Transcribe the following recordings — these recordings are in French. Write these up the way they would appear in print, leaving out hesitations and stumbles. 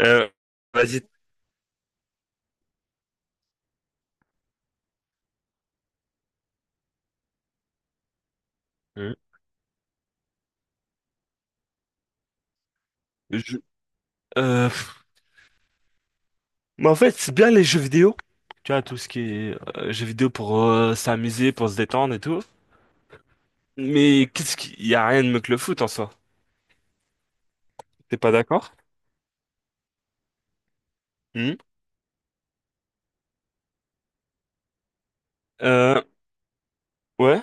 Euh, vas-y. Hum. Je- euh, Mais en fait, c'est bien les jeux vidéo. Tu vois, tout ce qui est jeux vidéo pour s'amuser, pour se détendre et tout. Mais qu'est-ce qu'il y a rien de mieux que le foot en soi. T'es pas d'accord? Hum. Euh, ouais.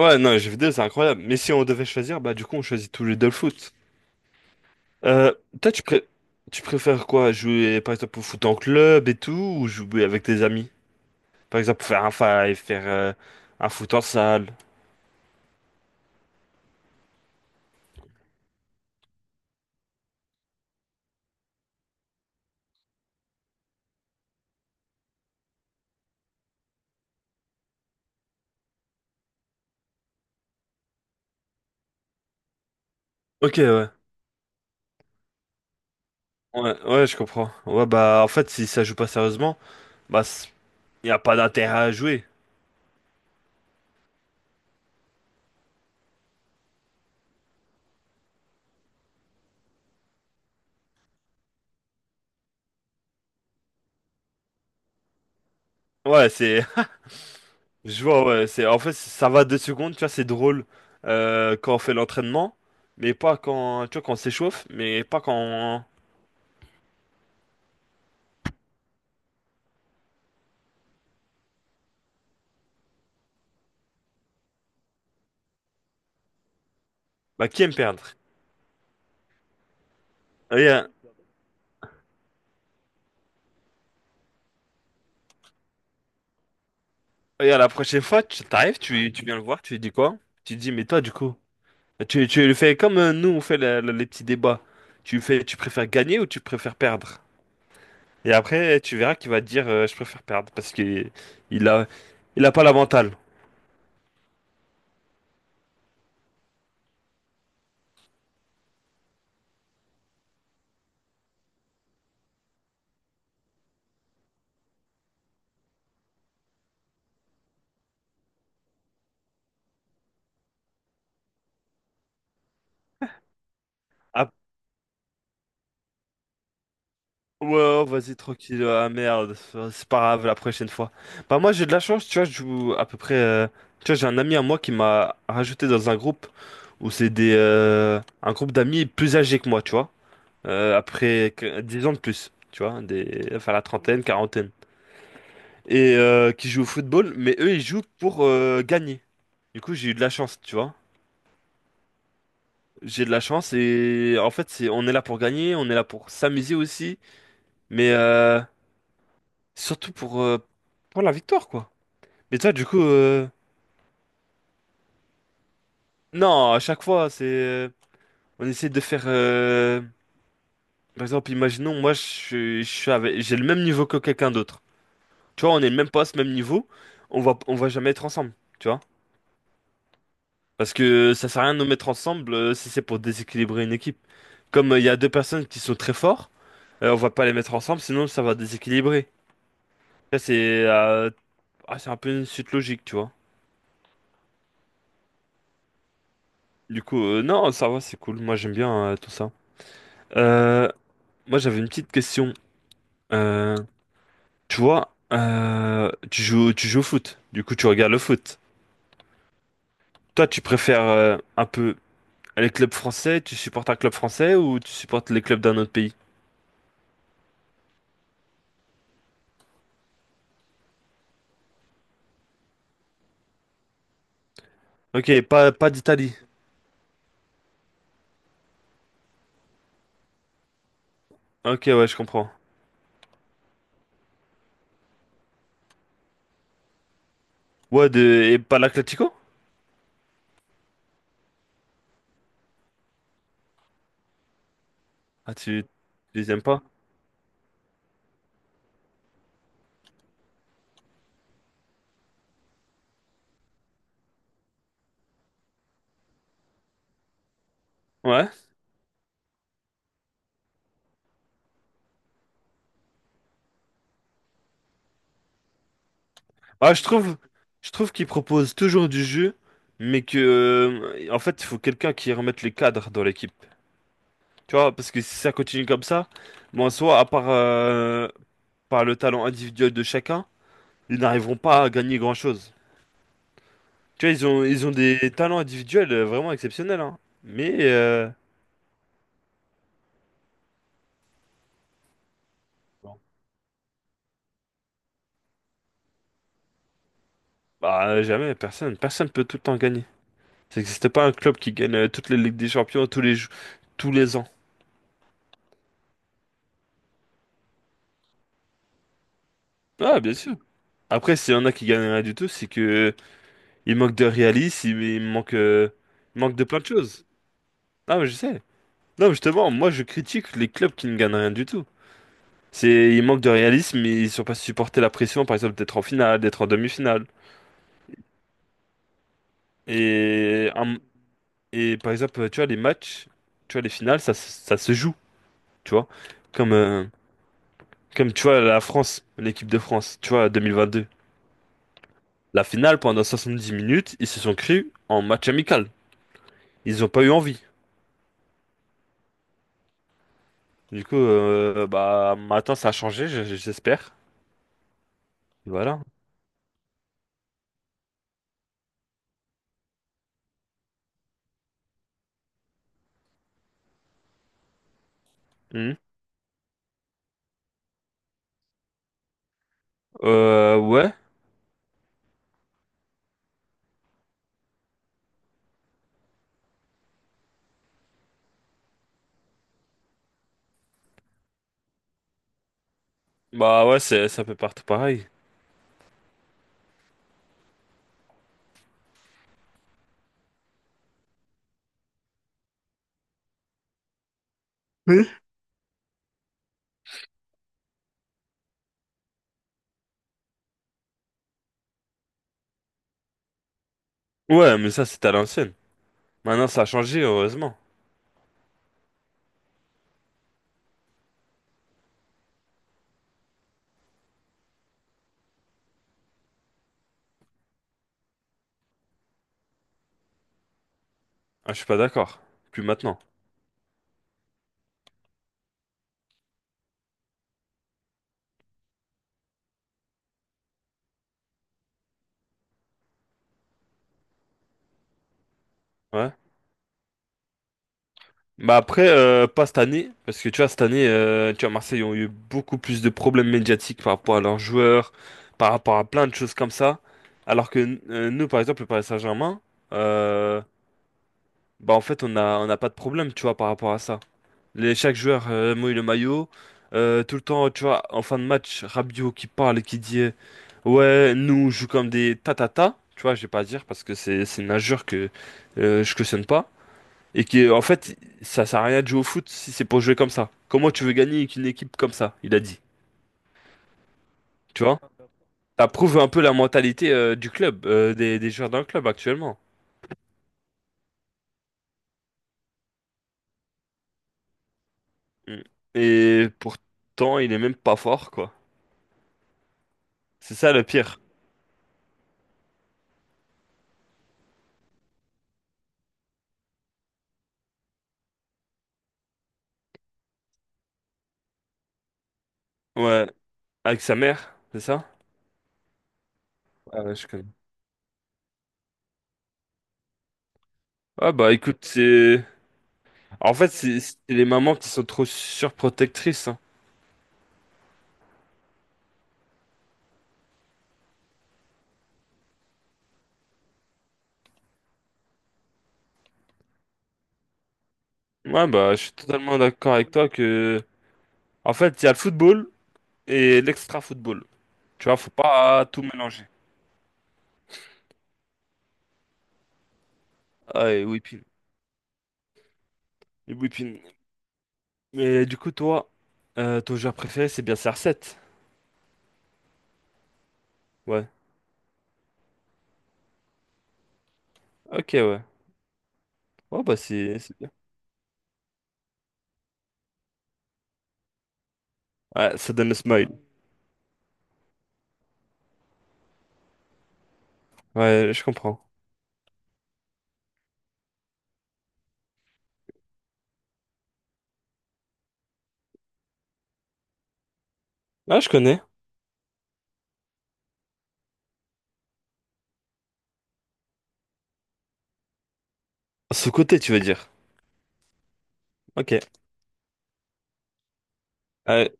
Ouais, non, les jeux vidéo, c'est incroyable. Mais si on devait choisir, bah du coup, on choisit tous les deux le foot. Euh, toi, tu préfères quoi? Jouer, par exemple, au foot en club et tout, ou jouer avec tes amis? Par exemple, faire un five, faire un foot en salle. Ok, ouais. Ouais, ouais, je comprends. Ouais, bah, en fait, si ça joue pas sérieusement, bah, il y a pas d'intérêt à jouer. Ouais, je vois, ouais, en fait, ça va deux secondes, tu vois, c'est drôle quand on fait l'entraînement, mais pas quand, tu vois, quand on s'échauffe, mais pas quand, on- bah, qui aime perdre? Regarde, regarde, la prochaine fois, tu t'arrives, tu viens le voir, tu lui dis quoi? Tu lui dis, mais toi, du coup, tu le fais comme nous, on fait les petits débats. Tu fais, tu préfères gagner ou tu préfères perdre? Et après, tu verras qu'il va dire je préfère perdre parce qu'il il a il a pas la mentale. Ah, ouais, vas-y tranquille, ah merde, c'est pas grave la prochaine fois. Bah moi j'ai de la chance, tu vois, je joue à peu près tu vois, j'ai un ami à moi qui m'a rajouté dans un groupe où c'est des un groupe d'amis plus âgés que moi, tu vois. 10 ans de plus, tu vois, des enfin la trentaine, quarantaine et qui jouent au football, mais eux ils jouent pour gagner. Du coup, j'ai eu de la chance, tu vois. J'ai de la chance et en fait, on est là pour gagner, on est là pour s'amuser aussi, mais surtout pour la victoire, quoi. Mais toi, du coup, non, à chaque fois, on essaie de faire, par exemple, imaginons, moi, je suis avec- j'ai le même niveau que quelqu'un d'autre. Tu vois, on est le même poste, même niveau, on va jamais être ensemble, tu vois. Parce que ça sert à rien de nous mettre ensemble si c'est pour déséquilibrer une équipe. Comme il y a deux personnes qui sont très fortes, on va pas les mettre ensemble, sinon ça va déséquilibrer. Ça, c'est ah, c'est un peu une suite logique, tu vois. Du coup, non, ça va, c'est cool. Moi, j'aime bien tout ça. Euh, moi, j'avais une petite question. Euh, tu vois, tu joues au foot. Du coup, tu regardes le foot. Toi, tu préfères un peu les clubs français? Tu supportes un club français ou tu supportes les clubs d'un autre pays? Ok, pas d'Italie. Ok, ouais, je comprends. Ouais, de, et pas l'Atlético? Ah, tu les aimes pas? Ouais. Ah, je trouve, je trouve qu'ils proposent toujours du jeu, mais que, en fait, il faut quelqu'un qui remette les cadres dans l'équipe. Tu vois, parce que si ça continue comme ça, bon, en soi, à part par le talent individuel de chacun, ils n'arriveront pas à gagner grand-chose. Tu vois, ils ont des talents individuels vraiment exceptionnels, hein. Mais, bon, bah, jamais, personne peut tout le temps gagner. Ça n'existe pas un club qui gagne toutes les Ligues des Champions tous les ans. Ah, bien sûr. Après, s'il y en a qui gagnent rien du tout, c'est que il manque de réalisme, il manque de plein de choses. Ah, mais je sais. Non, justement, moi je critique les clubs qui ne gagnent rien du tout. C'est, ils manquent de réalisme, ils sont pas supporter la pression, par exemple, d'être en finale, d'être en demi-finale. Et, un- et par exemple, tu vois, les matchs, tu vois, les finales, ça se joue, tu vois. Comme, comme tu vois, la France, l'équipe de France, tu vois, 2022. La finale, pendant 70 minutes, ils se sont cru en match amical. Ils n'ont pas eu envie. Du coup, bah maintenant ça a changé, j'espère. Voilà. Mhm. Ouais. Bah ouais, c'est un peu partout pareil. Oui. Ouais, mais ça c'était à l'ancienne. Maintenant ça a changé, heureusement. Ah, je suis pas d'accord. Plus maintenant. Ouais. Bah après, pas cette année, parce que tu vois, cette année, tu vois, Marseille ont eu beaucoup plus de problèmes médiatiques par rapport à leurs joueurs, par rapport à plein de choses comme ça. Alors que nous, par exemple, le Paris Saint-Germain, euh, bah en fait, on n'a pas de problème, tu vois, par rapport à ça. Les, chaque joueur mouille le maillot. Tout le temps, tu vois, en fin de match, Rabiot qui parle et qui dit ouais, nous, on joue comme des tatata. Tu vois, je vais pas à dire parce que c'est une injure que je cautionne pas. Et qui, en fait, ça sert à rien de jouer au foot si c'est pour jouer comme ça. Comment tu veux gagner avec une équipe comme ça? Il a dit. Tu vois? Ça prouve un peu la mentalité du club, des joueurs d'un club actuellement. Mm. Et pourtant, il est même pas fort, quoi. C'est ça le pire. Ouais, avec sa mère, c'est ça? Ah ouais, je connais. Ah bah écoute, c'est... En fait, c'est les mamans qui sont trop surprotectrices. Hein. Ouais bah je suis totalement d'accord avec toi que... En fait, il y a le football et l'extra-football. Tu vois, faut pas tout mélanger. Ah et Whipping. Et Whipping. Mais du coup, toi, ton joueur préféré, c'est bien CR7. Ouais. Ok, ouais. Ouais bah c'est bien. Ouais, ça donne le smile. Ouais, je comprends. Ah, je connais. Ce côté, tu veux dire. Ok. Allez,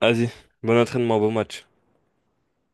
vas-y. Bon entraînement, bon match.